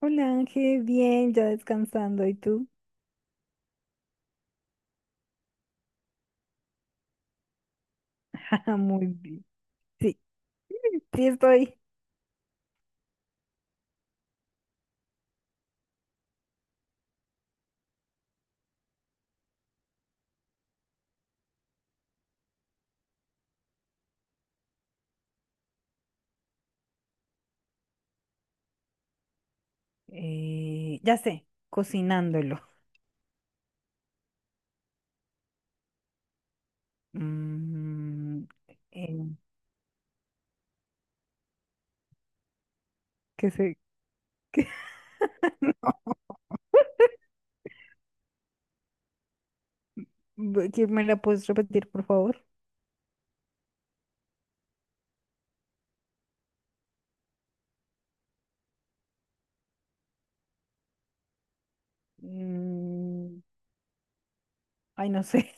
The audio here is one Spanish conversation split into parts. Hola Ángel, bien, ya descansando. ¿Y tú? Ah, muy bien. Sí, sí estoy. Ya sé, cocinándolo. Mm, eh, ¿qué sé? ¿Qué me la puedes repetir, por favor? Mm, Ay, no sé.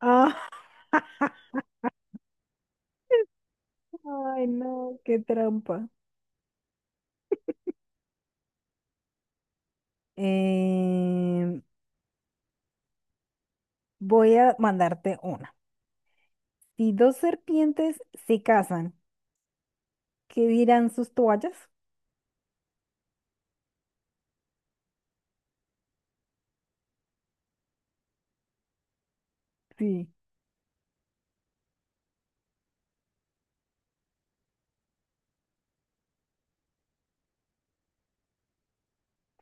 Ah, ay, no, qué trampa. Eh, Voy a mandarte una. Si dos serpientes se casan, ¿qué dirán sus toallas? Sí.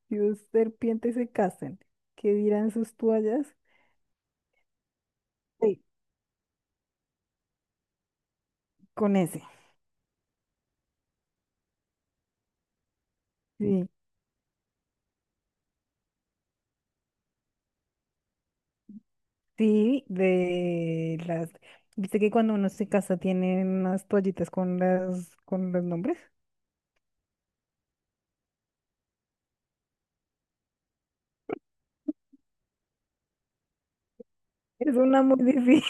Si dos serpientes se casan, ¿qué dirán sus toallas? Sí, con ese. Sí, sí, de las... ¿Viste que cuando uno se casa tienen unas toallitas con los nombres? Es una muy difícil.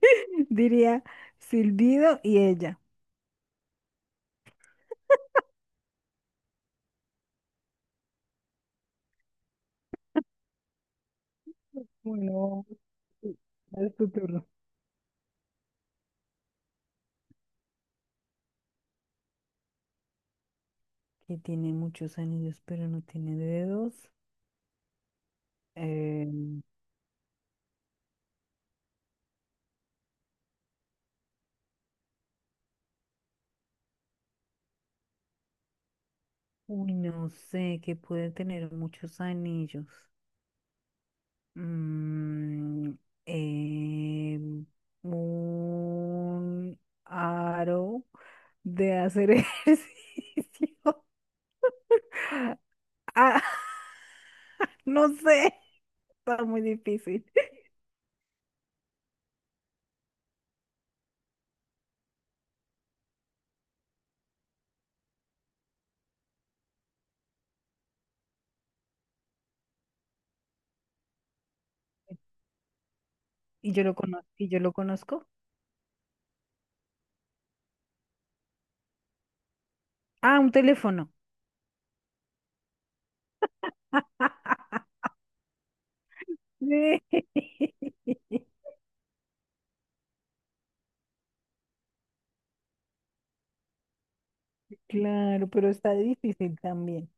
Diría Silbido y ella. Bueno, sí, es tu turno. Que tiene muchos anillos, pero no tiene dedos. Eh, Uy, no sé, que puede tener muchos anillos. Mm, em, un aro de hacer ejercicio. Ah, no sé, está muy difícil. Y yo lo conozco, y yo lo conozco. Ah, un teléfono. Sí. Claro, pero está difícil también.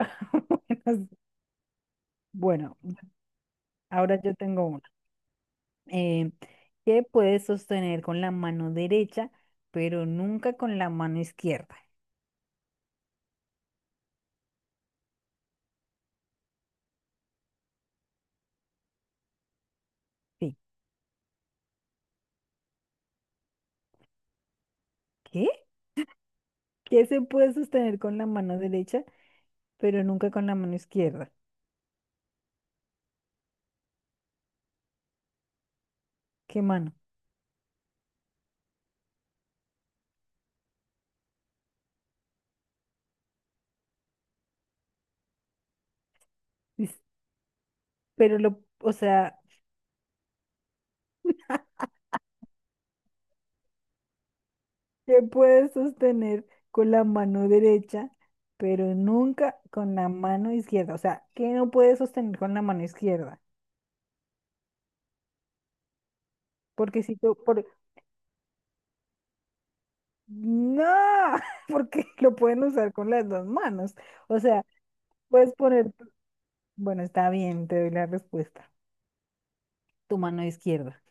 Bueno, ahora yo tengo una. Eh, ¿Qué puedes sostener con la mano derecha, pero nunca con la mano izquierda? Sí. ¿Qué? Que se puede sostener con la mano derecha, pero nunca con la mano izquierda. ¿Qué mano? Dice, o sea, se puede sostener con la mano derecha, pero nunca con la mano izquierda. O sea, ¿qué no puede sostener con la mano izquierda? Porque si tú, no, porque lo pueden usar con las dos manos. O sea, puedes poner, bueno, está bien, te doy la respuesta. Tu mano izquierda.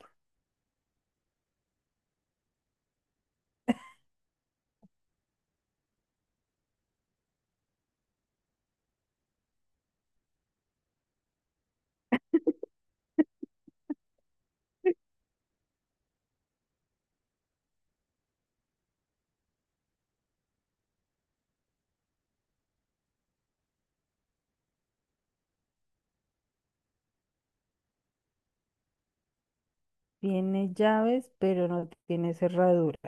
Tiene llaves, pero no tiene cerradura.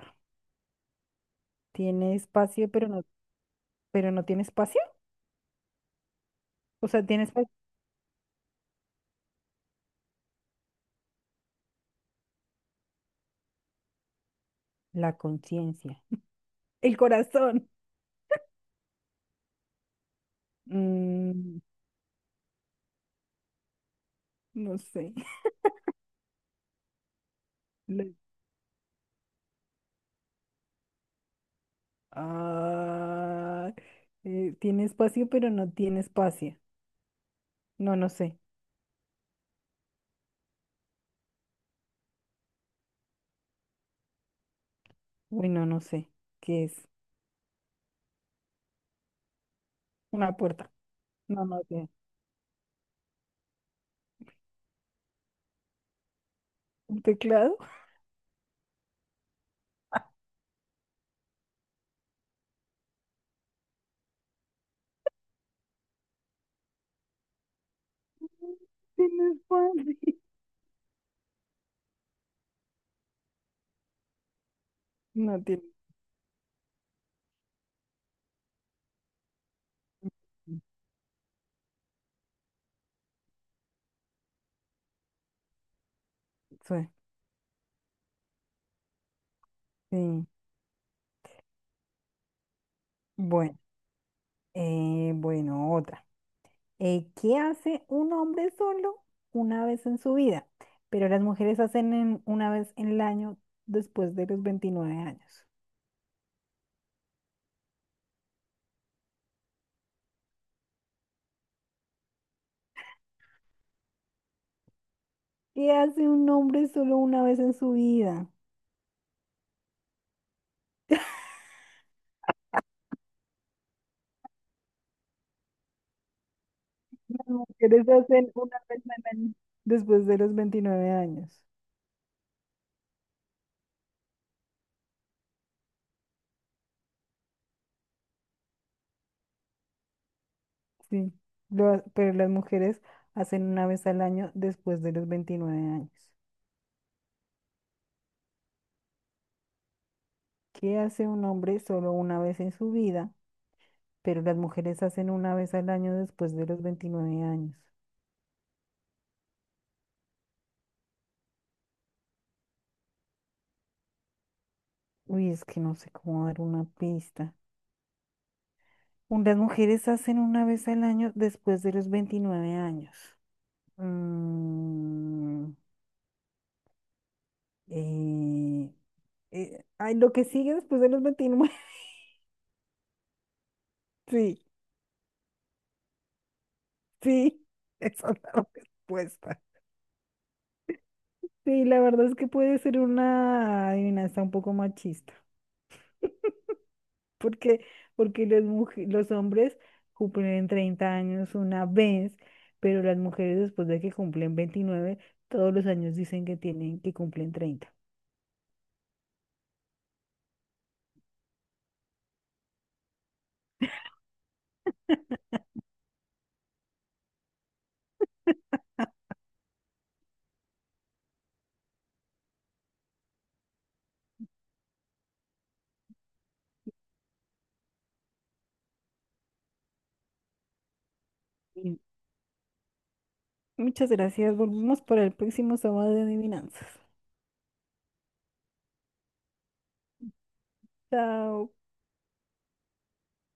Tiene espacio, pero no tiene espacio. O sea, tiene espacio. La conciencia. El corazón. Mm, no sé. Le- Ah, tiene espacio, pero no tiene espacio. No, no sé. Uy, no, no sé. ¿Qué es? Una puerta. No, no sé. ¿Un teclado? Tiene espacio. No tiene. Sí. Sí. Bueno. Bueno, otra. ¿Qué hace un hombre solo una vez en su vida? Pero las mujeres hacen una vez en el año después de los 29 años. ¿Qué hace un hombre solo una vez en su vida? Las mujeres hacen una vez al año después de los 29 años. Sí, pero las mujeres hacen una vez al año después de los 29 años. ¿Qué hace un hombre solo una vez en su vida? Pero las mujeres hacen una vez al año después de los 29 años. Uy, es que no sé cómo dar una pista. Las mujeres hacen una vez al año después de los 29 años. Mm, eh, ay, lo que sigue después de los 29 Sí, sí, esa es la respuesta. Sí, la verdad es que puede ser una adivinanza un poco machista. Porque, los hombres cumplen 30 años una vez, pero las mujeres después de que cumplen 29 todos los años dicen que tienen que cumplen 30. Y Muchas gracias. Volvemos para el próximo sábado de adivinanzas. Chao.